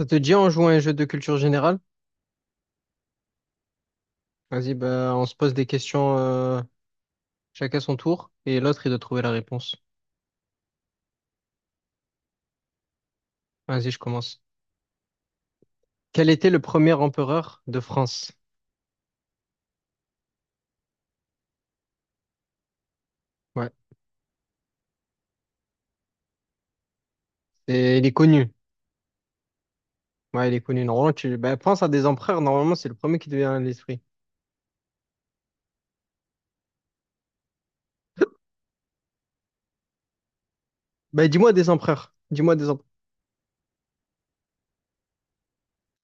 Ça te dit, on joue à un jeu de culture générale? Vas-y, bah, on se pose des questions chacun son tour et l'autre, il doit trouver la réponse. Vas-y, je commence. Quel était le premier empereur de France? Ouais, et il est connu. Ouais, il est connu. Normalement, tu bah, pense à des empereurs. Normalement, c'est le premier qui te vient à l'esprit. Bah, dis-moi des empereurs. Dis-moi des empereurs.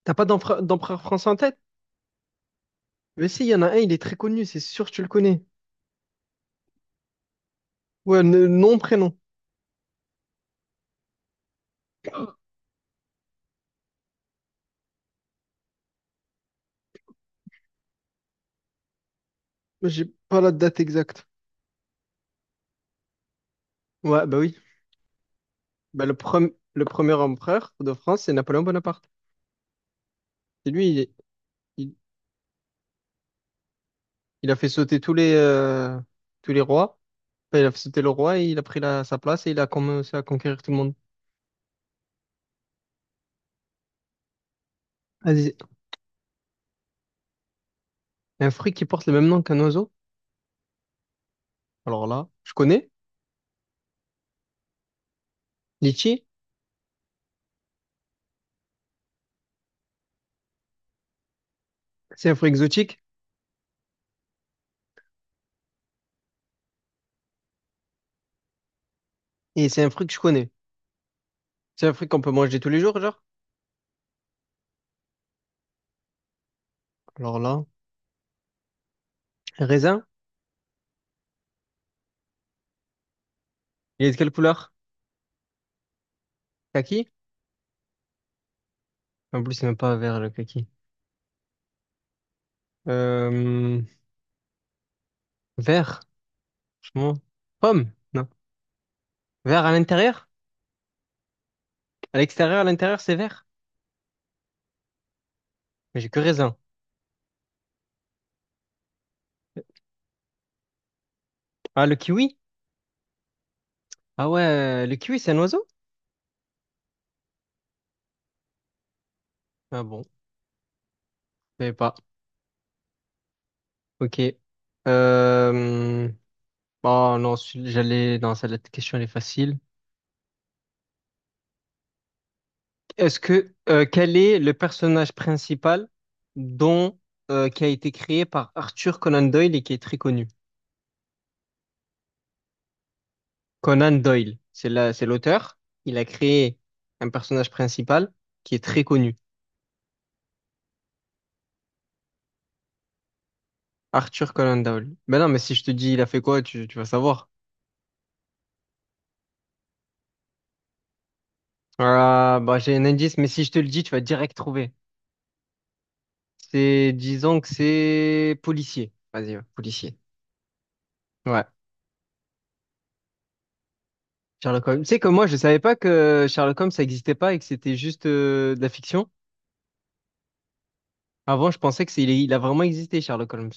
T'as pas d'empereur français en tête? Mais si, il y en a un, il est très connu, c'est sûr que tu le connais. Ouais, le nom, prénom. J'ai pas la date exacte. Ouais, bah oui. Bah, le premier empereur de France, c'est Napoléon Bonaparte. C'est lui, il, il a fait sauter tous les rois. Enfin, il a fait sauter le roi et il a pris la, sa place et il a commencé à conquérir tout le monde. Vas-y. Un fruit qui porte le même nom qu'un oiseau. Alors là, je connais. Litchi, c'est un fruit exotique et c'est un fruit que je connais. C'est un fruit qu'on peut manger tous les jours, genre. Alors là, raisin, il est de quelle couleur? Kaki? En plus, c'est même pas vert le kaki. Euh, Vert, franchement. Pomme, non. Vert à l'intérieur? À l'extérieur, à l'intérieur, c'est vert. Mais j'ai que raisin. Ah, le kiwi? Ah ouais, le kiwi, c'est un oiseau? Ah bon, je savais pas. Ok. Euh... Oh non, j'allais... Non, ça, la question, elle est facile. Est-ce que... quel est le personnage principal dont... qui a été créé par Arthur Conan Doyle et qui est très connu? Conan Doyle, c'est la... c'est l'auteur. Il a créé un personnage principal qui est très connu. Arthur Conan Doyle. Ben non, mais si je te dis il a fait quoi, tu vas savoir. Ah, bah j'ai un indice, mais si je te le dis, tu vas direct trouver. C'est, disons que c'est policier. Vas-y, ouais, policier. Ouais. Sherlock Holmes. Tu sais que moi, je savais pas que Sherlock Holmes, ça existait pas et que c'était juste de la fiction. Avant, je pensais que c'est, il a vraiment existé, Sherlock Holmes.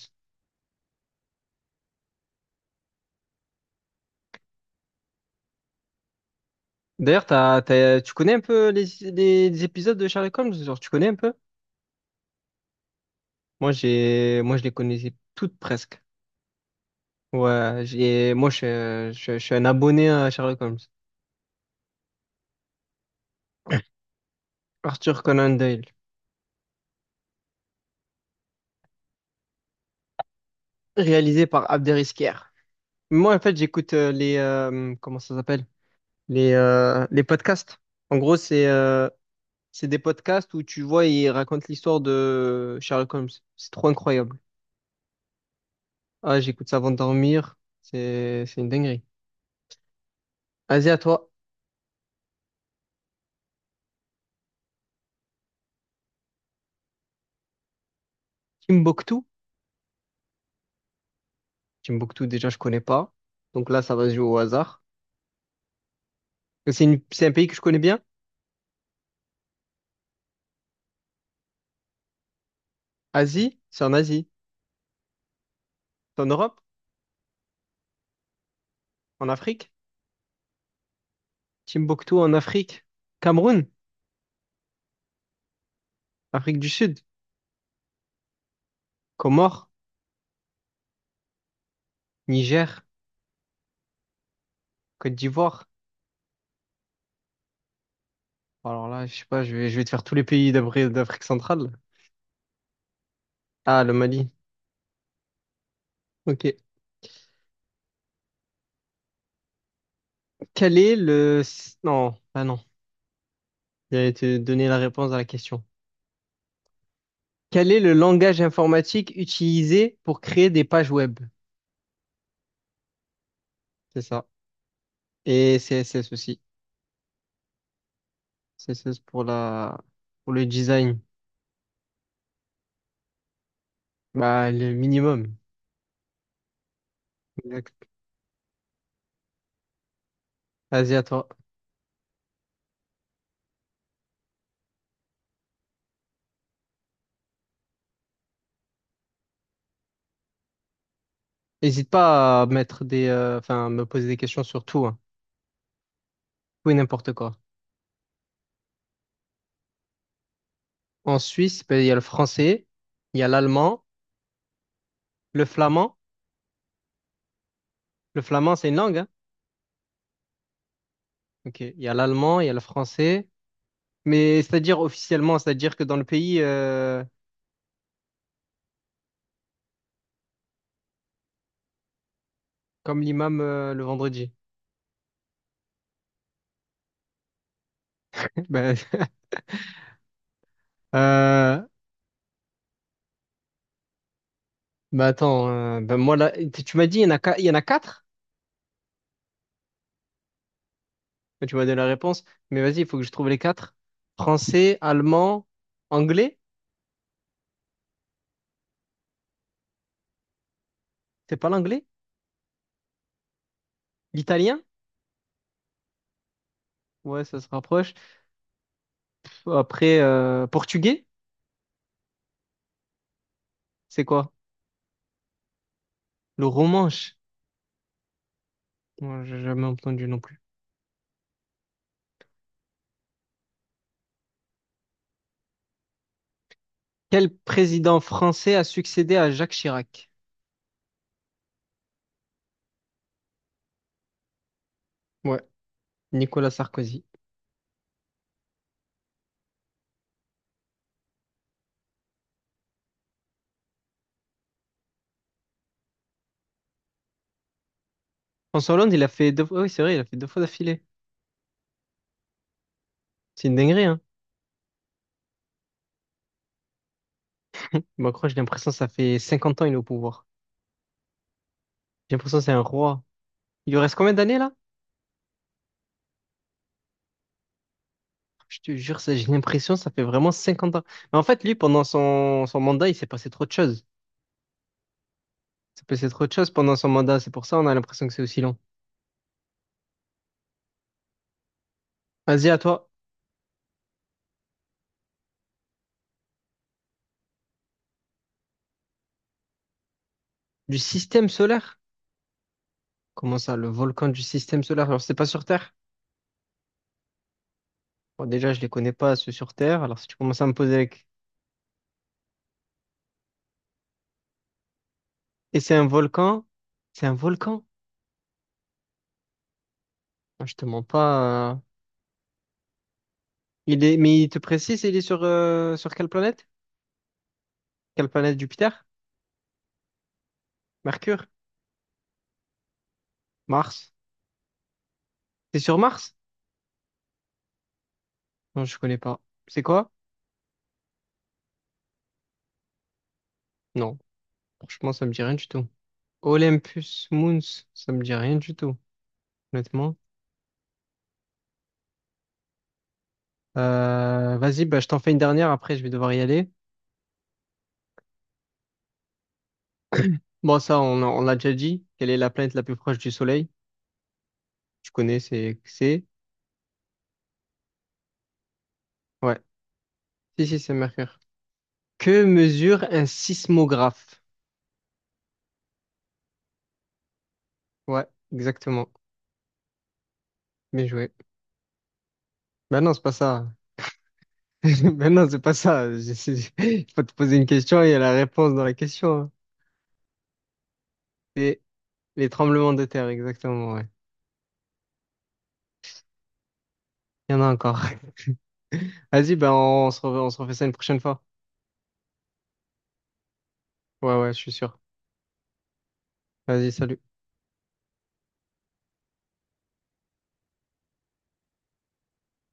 D'ailleurs, tu connais un peu les, les épisodes de Sherlock Holmes? Genre, tu connais un peu? Moi, je les connaissais toutes presque. Ouais, suis je suis un abonné à Sherlock Holmes. Arthur Conan Doyle, réalisé par Abderrykher. Moi, en fait, j'écoute les, comment ça s'appelle? Les podcasts. En gros, c'est des podcasts où tu vois, ils racontent l'histoire de Sherlock Holmes. C'est trop incroyable. Ah, j'écoute ça avant de dormir. C'est une dinguerie. Vas-y, à toi. Timbuktu. Timbuktu, déjà, je connais pas. Donc là, ça va se jouer au hasard. Mais c'est un pays que je connais bien. Asie. C'est en Europe, en Afrique. Timbuktu en Afrique. Cameroun, Afrique du Sud. Comores, Niger, Côte d'Ivoire. Alors là, je sais pas, je vais te faire tous les pays d'Afrique centrale. Ah, le Mali. Ok. Quel est le... Non, ah non. J'allais te donner la réponse à la question. Quel est le langage informatique utilisé pour créer des pages web? C'est ça. Et CSS aussi. CSS pour la... pour le design. Bah, le minimum. Exact. Vas-y, à toi. N'hésite pas à mettre des... Enfin, me poser des questions sur tout. Hein. Tout et n'importe quoi. En Suisse, ben, il y a le français, il y a l'allemand, le flamand. Le flamand, c'est une langue, hein? Ok. Il y a l'allemand, il y a le français. Mais c'est-à-dire officiellement, c'est-à-dire que dans le pays, comme l'imam le vendredi. Ben, euh, ben attends, ben moi là, tu m'as dit il y en a, il y en a quatre? Ben, tu m'as donné la réponse, mais vas-y, il faut que je trouve les quatre. Français, allemand, anglais, c'est pas l'anglais? L'italien? Ouais, ça se rapproche. Après, portugais, c'est quoi? Le romanche? Moi, j'ai jamais entendu non plus. Quel président français a succédé à Jacques Chirac? Ouais, Nicolas Sarkozy. François Hollande, il a fait deux fois, oui, c'est vrai, il a fait deux fois d'affilée. C'est une dinguerie, hein. Macron, j'ai l'impression que ça fait 50 ans il est au pouvoir. J'ai l'impression que c'est un roi. Il lui reste combien d'années là? Je te jure, ça, j'ai l'impression que ça fait vraiment 50 ans. Mais en fait, lui, pendant son mandat, il s'est passé trop de choses. Il s'est passé trop de choses pendant son mandat. C'est pour ça on a l'impression que c'est aussi long. Vas-y, à toi. Du système solaire? Comment ça, le volcan du système solaire? Alors, c'est pas sur Terre? Bon, déjà, je les connais pas, ceux sur Terre. Alors, si tu commences à me poser avec... Et c'est un volcan? C'est un volcan? Moi, je te mens pas, hein. Il est, mais il te précise, il est sur, sur quelle planète? Quelle planète? Jupiter? Mercure? Mars? C'est sur Mars? Non, je connais pas. C'est quoi? Non, franchement, ça me dit rien du tout. Olympus Mons, ça me dit rien du tout, honnêtement. Vas-y, bah, je t'en fais une dernière, après je vais devoir y aller. Bon, ça, on l'a déjà dit. Quelle est la planète la plus proche du Soleil? Tu connais, c'est- Ouais. Si, si, c'est Mercure. Que mesure un sismographe? Ouais, exactement. Bien joué. Bah non, c'est pas ça. Mais non, c'est pas ça. Je- c'est- Il faut te poser une question et il y a la réponse dans la question, hein. Les, les tremblements de terre, exactement, ouais. Il y en a encore. Vas-y, ben on se refait ça une prochaine fois. Ouais, ouais, je suis sûr. Vas-y, salut.